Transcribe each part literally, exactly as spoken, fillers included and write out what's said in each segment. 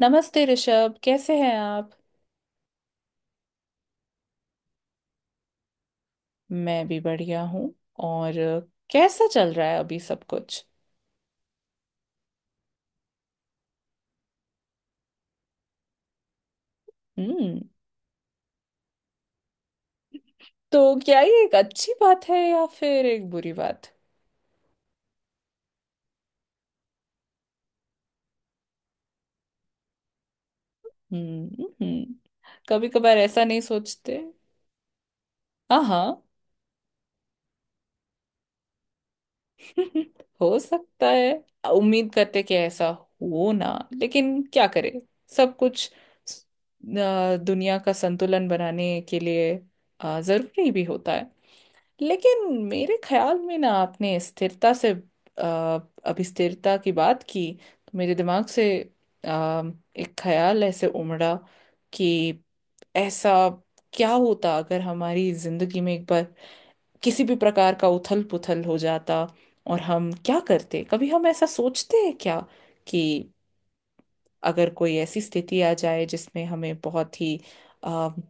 नमस्ते ऋषभ, कैसे हैं आप? मैं भी बढ़िया हूँ। और कैसा चल रहा है अभी सब कुछ? हम्म। तो क्या ये एक अच्छी बात है या फिर एक बुरी बात? हम्म हम्म। कभी कभार ऐसा नहीं सोचते? हाँ हाँ। हो सकता है। उम्मीद करते कि ऐसा हो ना, लेकिन क्या करें, सब कुछ अ, दुनिया का संतुलन बनाने के लिए अ, जरूरी भी होता। लेकिन मेरे ख्याल में ना, आपने स्थिरता से अ, अभी स्थिरता की बात की, तो मेरे दिमाग से अ, एक ख्याल ऐसे उमड़ा कि ऐसा क्या होता अगर हमारी जिंदगी में एक बार किसी भी प्रकार का उथल पुथल हो जाता, और हम क्या करते? कभी हम ऐसा सोचते हैं क्या कि अगर कोई ऐसी स्थिति आ जाए जिसमें हमें बहुत ही अ, हम्म,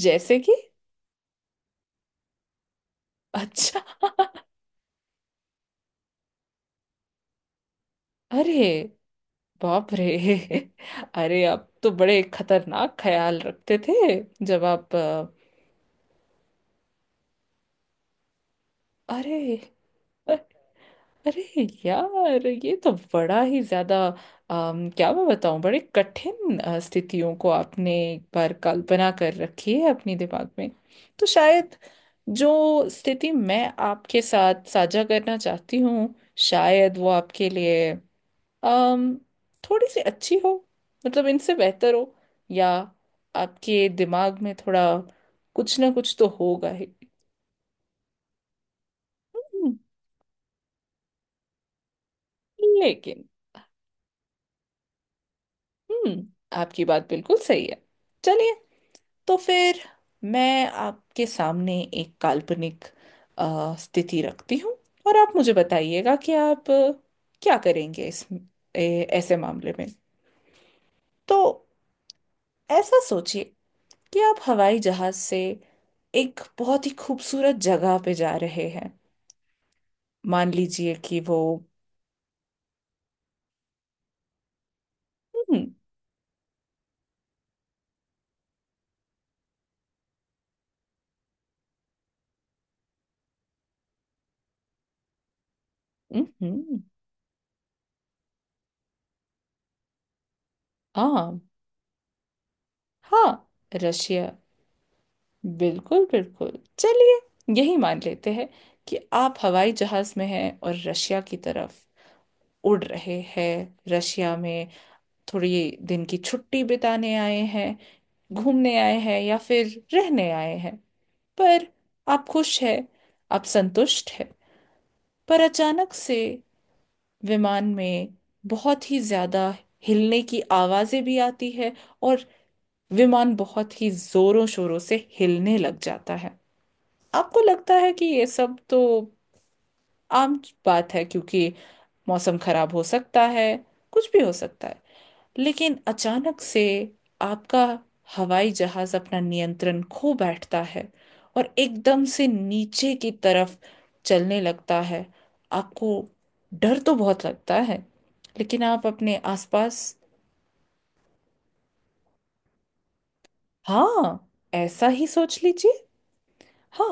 जैसे कि अच्छा। अरे बाप रे। अरे, आप तो बड़े खतरनाक ख्याल रखते थे जब आप अ, अरे, अ- अरे यार, ये तो बड़ा ही ज्यादा। अम, क्या मैं बताऊं, बड़े कठिन अ, स्थितियों को आपने एक बार कल्पना कर रखी है अपने दिमाग में। तो शायद जो स्थिति मैं आपके साथ साझा करना चाहती हूँ, शायद वो आपके लिए अम थोड़ी सी अच्छी हो, मतलब इनसे बेहतर हो, या आपके दिमाग में थोड़ा कुछ ना कुछ तो होगा ही। हम्म, लेकिन हम्म आपकी बात बिल्कुल सही है। चलिए, तो फिर मैं आपके सामने एक काल्पनिक अ, स्थिति रखती हूँ, और आप मुझे बताइएगा कि आप अ, क्या करेंगे इस ए, ऐसे मामले में। तो ऐसा सोचिए कि आप हवाई जहाज से एक बहुत ही खूबसूरत जगह पे जा रहे हैं। मान लीजिए कि वो, हम्म हम्म। हाँ हाँ। रशिया। बिल्कुल बिल्कुल। चलिए, यही मान लेते हैं कि आप हवाई जहाज में हैं और रशिया की तरफ उड़ रहे हैं। रशिया में थोड़ी दिन की छुट्टी बिताने आए हैं, घूमने आए हैं या फिर रहने आए हैं। पर आप खुश हैं, आप संतुष्ट हैं। पर अचानक से विमान में बहुत ही ज्यादा हिलने की आवाजें भी आती है, और विमान बहुत ही जोरों शोरों से हिलने लग जाता है। आपको लगता है कि ये सब तो आम बात है, क्योंकि मौसम खराब हो सकता है, कुछ भी हो सकता है। लेकिन अचानक से आपका हवाई जहाज अपना नियंत्रण खो बैठता है, और एकदम से नीचे की तरफ चलने लगता है। आपको डर तो बहुत लगता है, लेकिन आप अपने आसपास। हाँ, ऐसा ही सोच लीजिए। हाँ।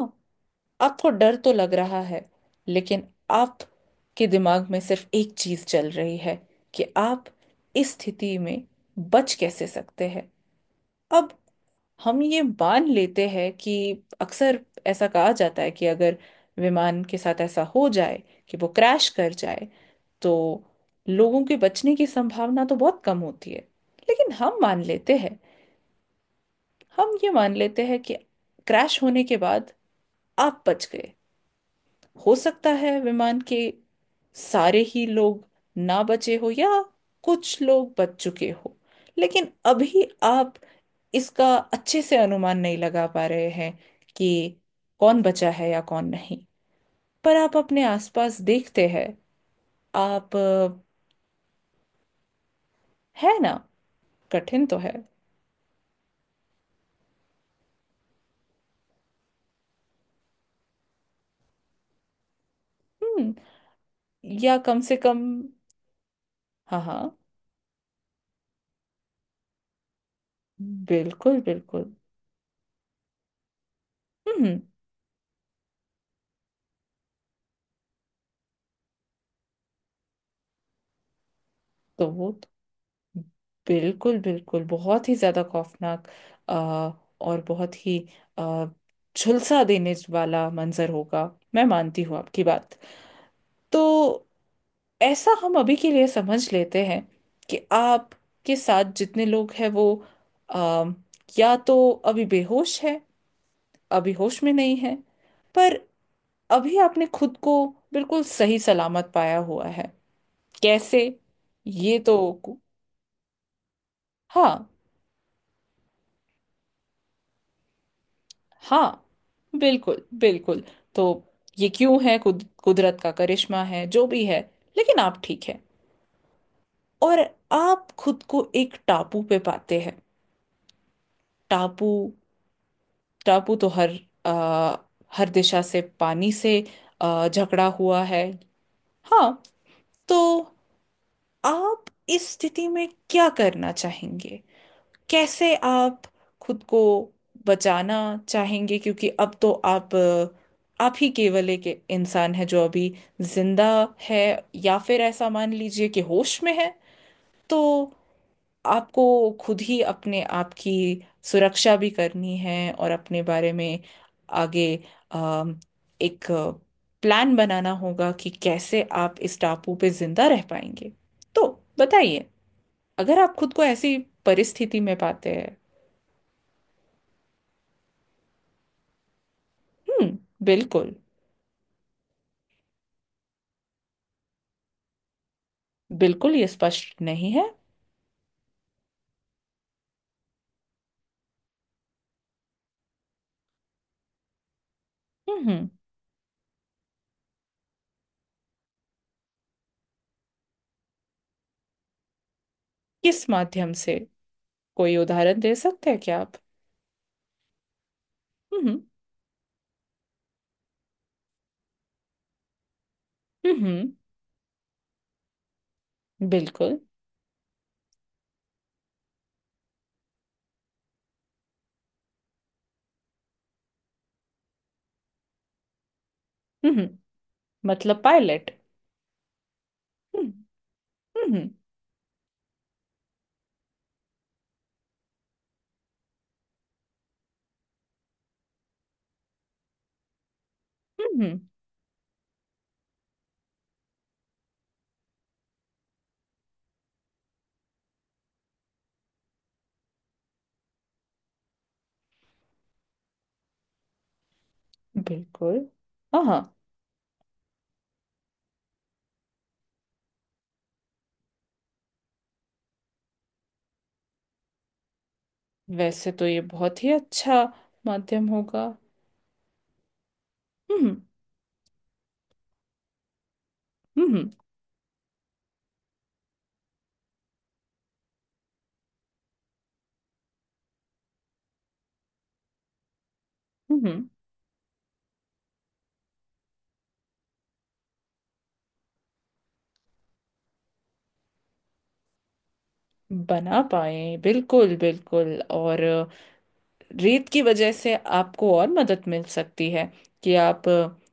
आपको डर तो लग रहा है, लेकिन आपके दिमाग में सिर्फ एक चीज चल रही है कि आप इस स्थिति में बच कैसे सकते हैं। अब हम ये मान लेते हैं कि अक्सर ऐसा कहा जाता है कि अगर विमान के साथ ऐसा हो जाए कि वो क्रैश कर जाए, तो लोगों के बचने की संभावना तो बहुत कम होती है। लेकिन हम मान लेते हैं, हम ये मान लेते हैं कि क्रैश होने के बाद आप बच गए। हो सकता है विमान के सारे ही लोग ना बचे हो, या कुछ लोग बच चुके हो, लेकिन अभी आप इसका अच्छे से अनुमान नहीं लगा पा रहे हैं कि कौन बचा है या कौन नहीं। पर आप अपने आसपास देखते हैं। आप अ, है ना? कठिन तो है। हम्म। या कम से कम, हाँ हाँ, बिल्कुल बिल्कुल। हम्म। तो वो तो बिल्कुल बिल्कुल बहुत ही ज्यादा खौफनाक अ, और बहुत ही अ, झुलसा देने वाला मंजर होगा। मैं मानती हूँ आपकी बात। तो ऐसा हम अभी के लिए समझ लेते हैं कि आप के साथ जितने लोग हैं, वो अम, या तो अभी बेहोश है, अभी होश में नहीं है। पर अभी आपने खुद को बिल्कुल सही सलामत पाया हुआ है। कैसे? ये तो, हाँ हाँ, बिल्कुल बिल्कुल। तो ये क्यों है, कुद, कुदरत का करिश्मा है, जो भी है, लेकिन आप ठीक है। और आप खुद को एक टापू पे पाते हैं। टापू। टापू तो हर आ, हर दिशा से पानी से अ, जकड़ा हुआ है। हाँ। तो आप इस स्थिति में क्या करना चाहेंगे? कैसे आप खुद को बचाना चाहेंगे? क्योंकि अब तो आप अ, आप ही केवल एक इंसान है जो अभी जिंदा है, या फिर ऐसा मान लीजिए कि होश में है। तो आपको खुद ही अपने आप की सुरक्षा भी करनी है, और अपने बारे में आगे अम, एक प्लान बनाना होगा कि कैसे आप इस टापू पे जिंदा रह पाएंगे। तो बताइए, अगर आप खुद को ऐसी परिस्थिति में पाते हैं। हम्म, बिल्कुल। बिल्कुल ये स्पष्ट नहीं है। हम्म हम्म। किस माध्यम से? कोई उदाहरण दे सकते हैं क्या आप? हम्म हम्म। हम्म, बिल्कुल। हम्म, मतलब पायलट। हम्म हम्म। हम्म, बिल्कुल। हाँ हाँ, वैसे तो ये बहुत ही अच्छा माध्यम होगा। हम्म हम्म हम्म। हम्म, बना पाए, बिल्कुल बिल्कुल। और रेत की वजह से आपको और मदद मिल सकती है कि आप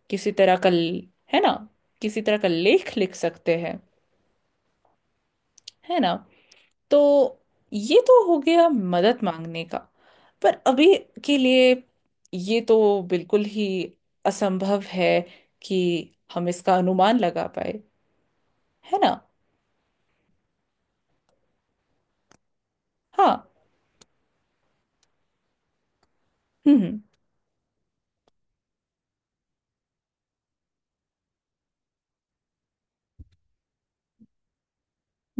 किसी तरह का ल- है ना? किसी तरह का लेख लिख सकते हैं, है ना? तो ये तो हो गया मदद मांगने का। पर अभी के लिए ये तो बिल्कुल ही असंभव है कि हम इसका अनुमान लगा पाए, है ना? हाँ। हम्म हम्म,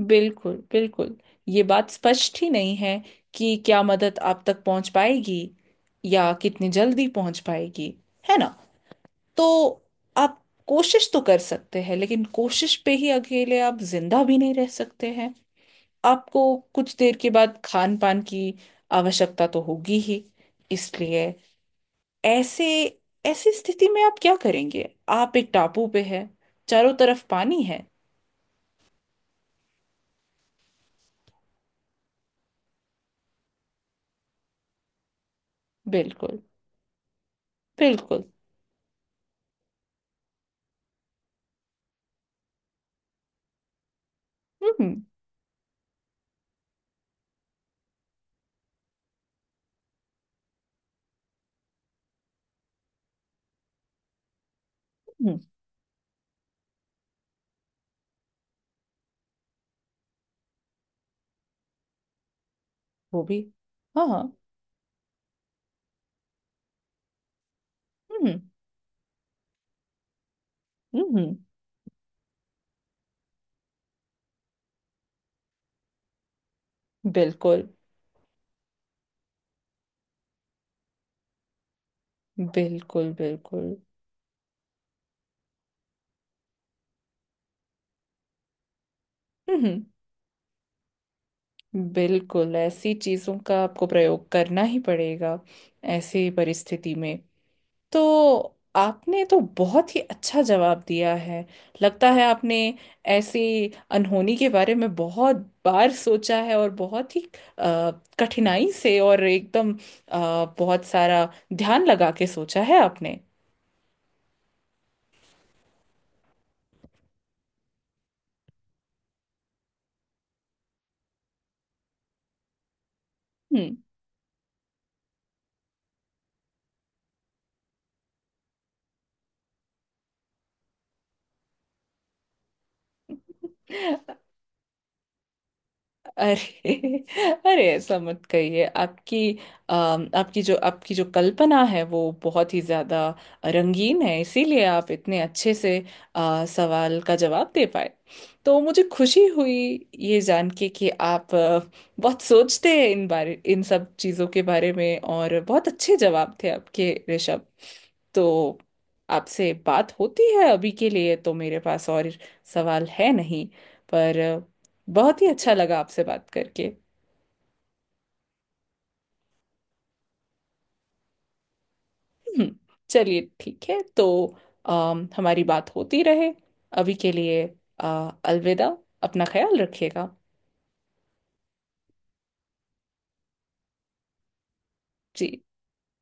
बिल्कुल बिल्कुल। ये बात स्पष्ट ही नहीं है कि क्या मदद आप तक पहुंच पाएगी, या कितनी जल्दी पहुंच पाएगी, है ना? तो आप कोशिश तो कर सकते हैं, लेकिन कोशिश पे ही अकेले आप जिंदा भी नहीं रह सकते हैं। आपको कुछ देर के बाद खान पान की आवश्यकता तो होगी ही, इसलिए ऐसे ऐसी स्थिति में आप क्या करेंगे? आप एक टापू पे हैं, चारों तरफ पानी है। बिल्कुल बिल्कुल। हम्म हम्म, वो भी। हाँ हाँ। हम्म हम्म। बिल्कुल बिल्कुल बिल्कुल। हम्म। बिल्कुल, ऐसी चीजों का आपको प्रयोग करना ही पड़ेगा ऐसी परिस्थिति में। तो आपने तो बहुत ही अच्छा जवाब दिया है। लगता है आपने ऐसी अनहोनी के बारे में बहुत बार सोचा है, और बहुत ही अ, कठिनाई से, और एकदम अ, बहुत सारा ध्यान लगा के सोचा है आपने। हम्म। अरे, अरे, ऐसा मत कहिए। आपकी अम, आपकी जो आपकी जो कल्पना है वो बहुत ही ज्यादा रंगीन है, इसीलिए आप इतने अच्छे से अ, सवाल का जवाब दे पाए। तो मुझे खुशी हुई ये जान के कि आप अ, बहुत सोचते हैं इन बारे इन सब चीजों के बारे में, और बहुत अच्छे जवाब थे आपके, ऋषभ। तो आपसे बात होती है। अभी के लिए तो मेरे पास और सवाल है नहीं, पर बहुत ही अच्छा लगा आपसे बात करके। हम्म, चलिए ठीक है। तो अम, हमारी बात होती रहे। अभी के लिए, अ, अलविदा। अपना ख्याल रखिएगा। जी।